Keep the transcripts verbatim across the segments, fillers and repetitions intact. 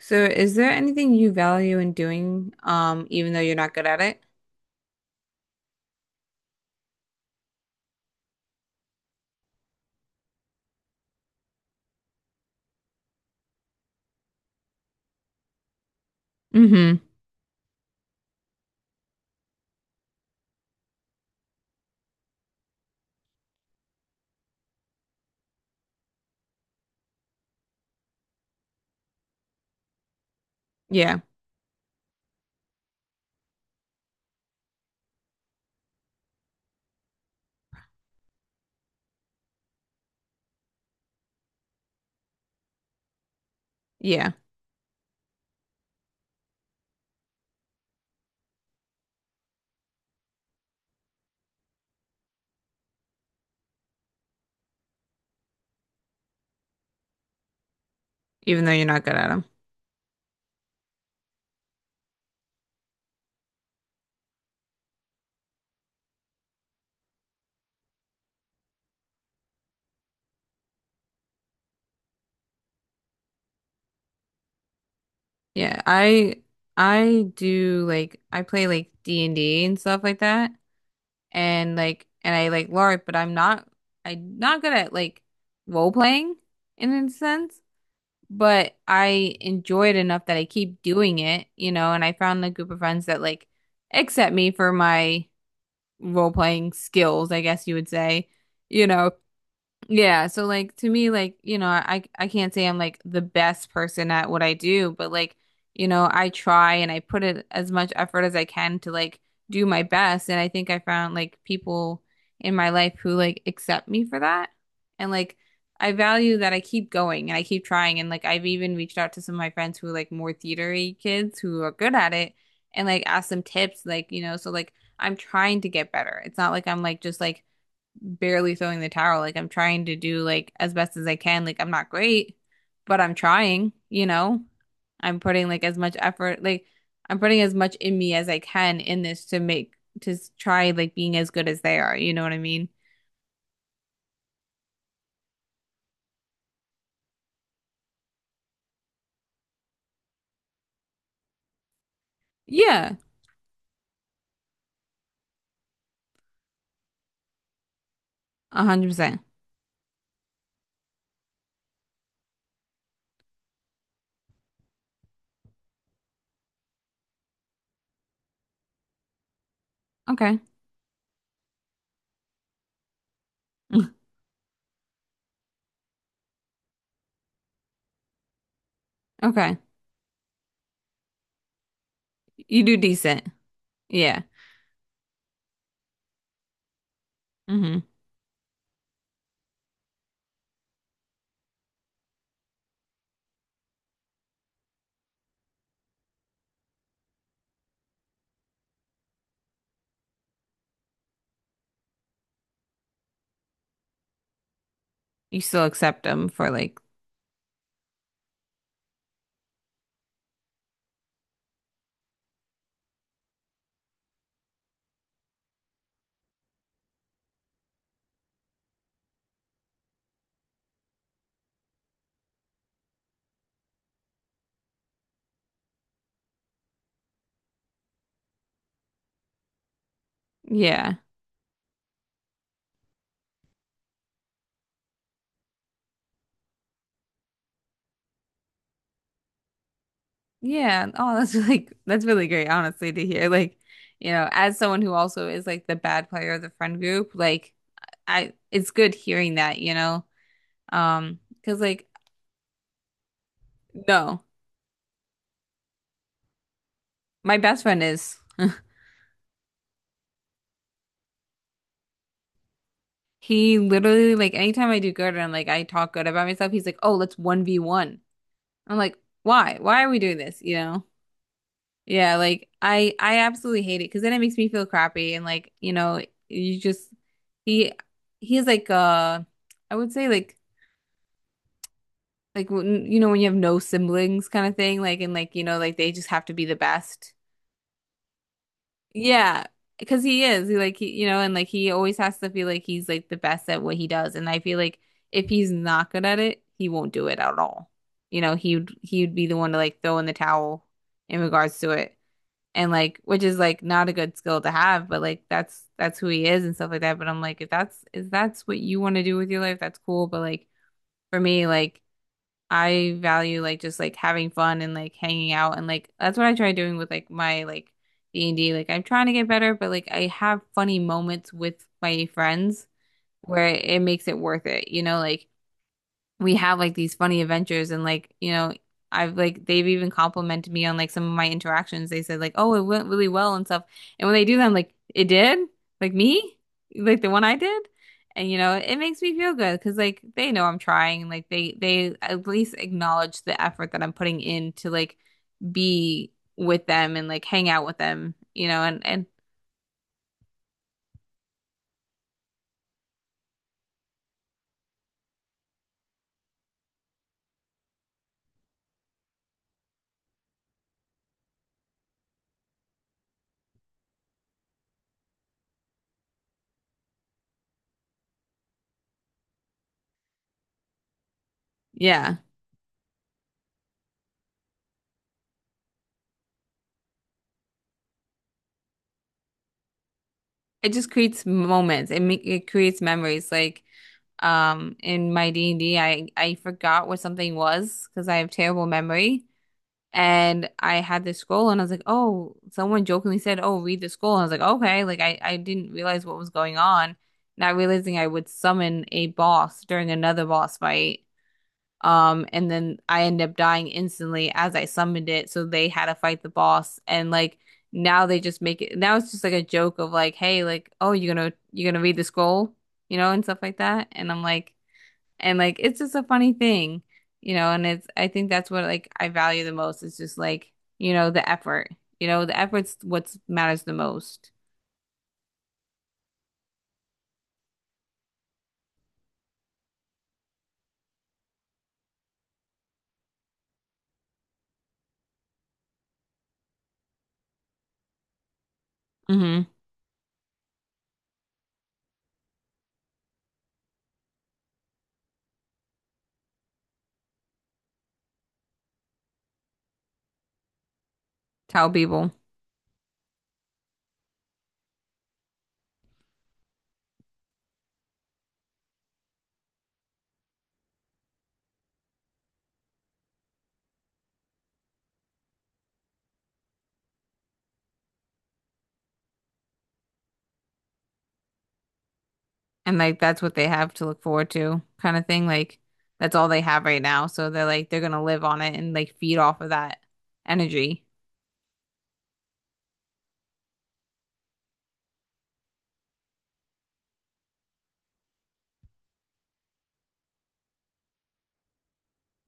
So is there anything you value in doing, um, even though you're not good at it? Hmm. Yeah. Yeah. Even though you're not good at them. Yeah. I I do like I play like D and D and D and stuff like that. And like and I like LARP, but I'm not I'm not good at like role playing in a sense. But I enjoy it enough that I keep doing it, you know, and I found a group of friends that like accept me for my role playing skills, I guess you would say. You know, yeah, so like to me, like, you know, I I can't say I'm like the best person at what I do, but like, you know, I try and I put it as much effort as I can to like do my best. And I think I found like people in my life who like accept me for that. And like I value that I keep going and I keep trying. And like I've even reached out to some of my friends who are like more theatery kids who are good at it and like asked them tips, like, you know, so like I'm trying to get better. It's not like I'm like just like barely throwing the towel. Like I'm trying to do like as best as I can. Like I'm not great, but I'm trying, you know. I'm putting like as much effort, like I'm putting as much in me as I can in this to make to try like being as good as they are. You know what I mean? Yeah, a hundred percent. Okay, okay. You do decent. Yeah. Mm-hmm. You still accept them for like, yeah. Yeah. Oh, that's like that's really great, honestly, to hear. Like, you know, as someone who also is like the bad player of the friend group, like I it's good hearing that, you know. Um, 'cause like no, my best friend is he literally like anytime I do good and like I talk good about myself, he's like, "Oh, let's one v one." I'm like, "Why? Why are we doing this?" You know? Yeah, like I I absolutely hate it because then it makes me feel crappy and like, you know, you just he he's like uh I would say like Like when, you know when you have no siblings kind of thing, like and like you know like they just have to be the best. Yeah, because he is. He like he, you know, and like he always has to feel like he's like the best at what he does. And I feel like if he's not good at it, he won't do it at all. You know, he would he would be the one to like throw in the towel in regards to it. And like which is like not a good skill to have, but like that's that's who he is and stuff like that. But I'm like if that's if that's what you want to do with your life, that's cool, but like for me, like I value like just like having fun and like hanging out and like that's what I try doing with like my like D and D. Like I'm trying to get better, but like I have funny moments with my friends where it makes it worth it. You know, like we have like these funny adventures and like you know I've like they've even complimented me on like some of my interactions, they said like, oh, it went really well and stuff, and when they do that I'm like, it did, like me, like the one I did, and you know it makes me feel good because like they know I'm trying and like they they at least acknowledge the effort that I'm putting in to like be with them and like hang out with them you know and and yeah, it just creates moments, it, ma- it creates memories, like um in my d and D, I I forgot what something was because I have terrible memory, and I had this scroll, and I was like, oh, someone jokingly said, oh, read the scroll, and I was like, okay, like I I didn't realize what was going on, not realizing I would summon a boss during another boss fight, um and then I end up dying instantly as I summoned it, so they had to fight the boss, and like now they just make it now it's just like a joke of like, hey, like, oh, you're gonna you're gonna read the scroll, you know, and stuff like that, and I'm like, and like it's just a funny thing, you know, and it's I think that's what like I value the most. It's just like, you know, the effort. You know, the effort's what matters the most. Hmm. Tell people. And like that's what they have to look forward to, kind of thing. Like, that's all they have right now. So they're like they're gonna live on it and like feed off of that energy.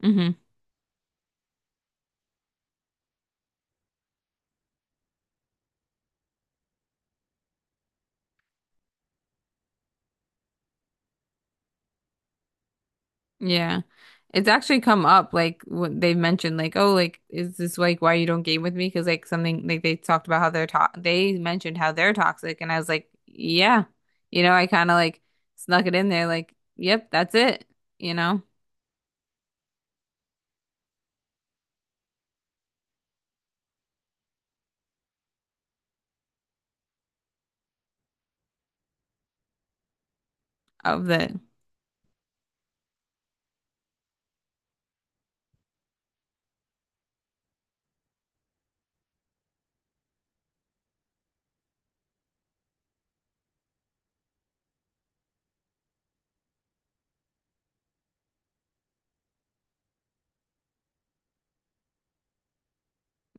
Hmm. Yeah. It's actually come up, like what they've mentioned, like, oh, like, is this like why you don't game with me? Because like something, like they talked about how they're to they mentioned how they're toxic, and I was like, yeah, you know I kind of like snuck it in there, like, yep, that's it you know of the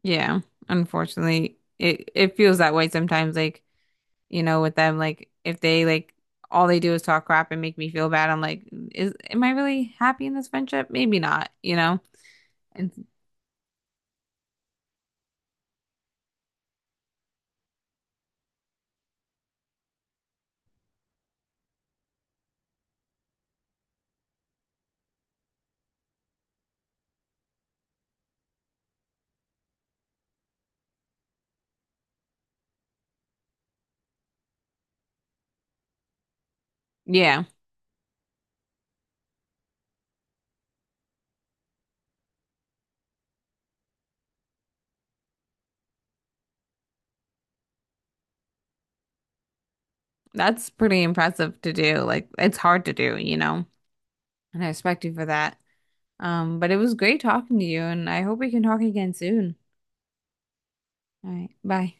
Yeah, unfortunately it it feels that way sometimes, like, you know with them, like, if they like all they do is talk crap and make me feel bad, I'm like, is am I really happy in this friendship? Maybe not you know It's, yeah, that's pretty impressive to do. Like, it's hard to do, you know, and I respect you for that. Um, but it was great talking to you, and I hope we can talk again soon. All right, bye.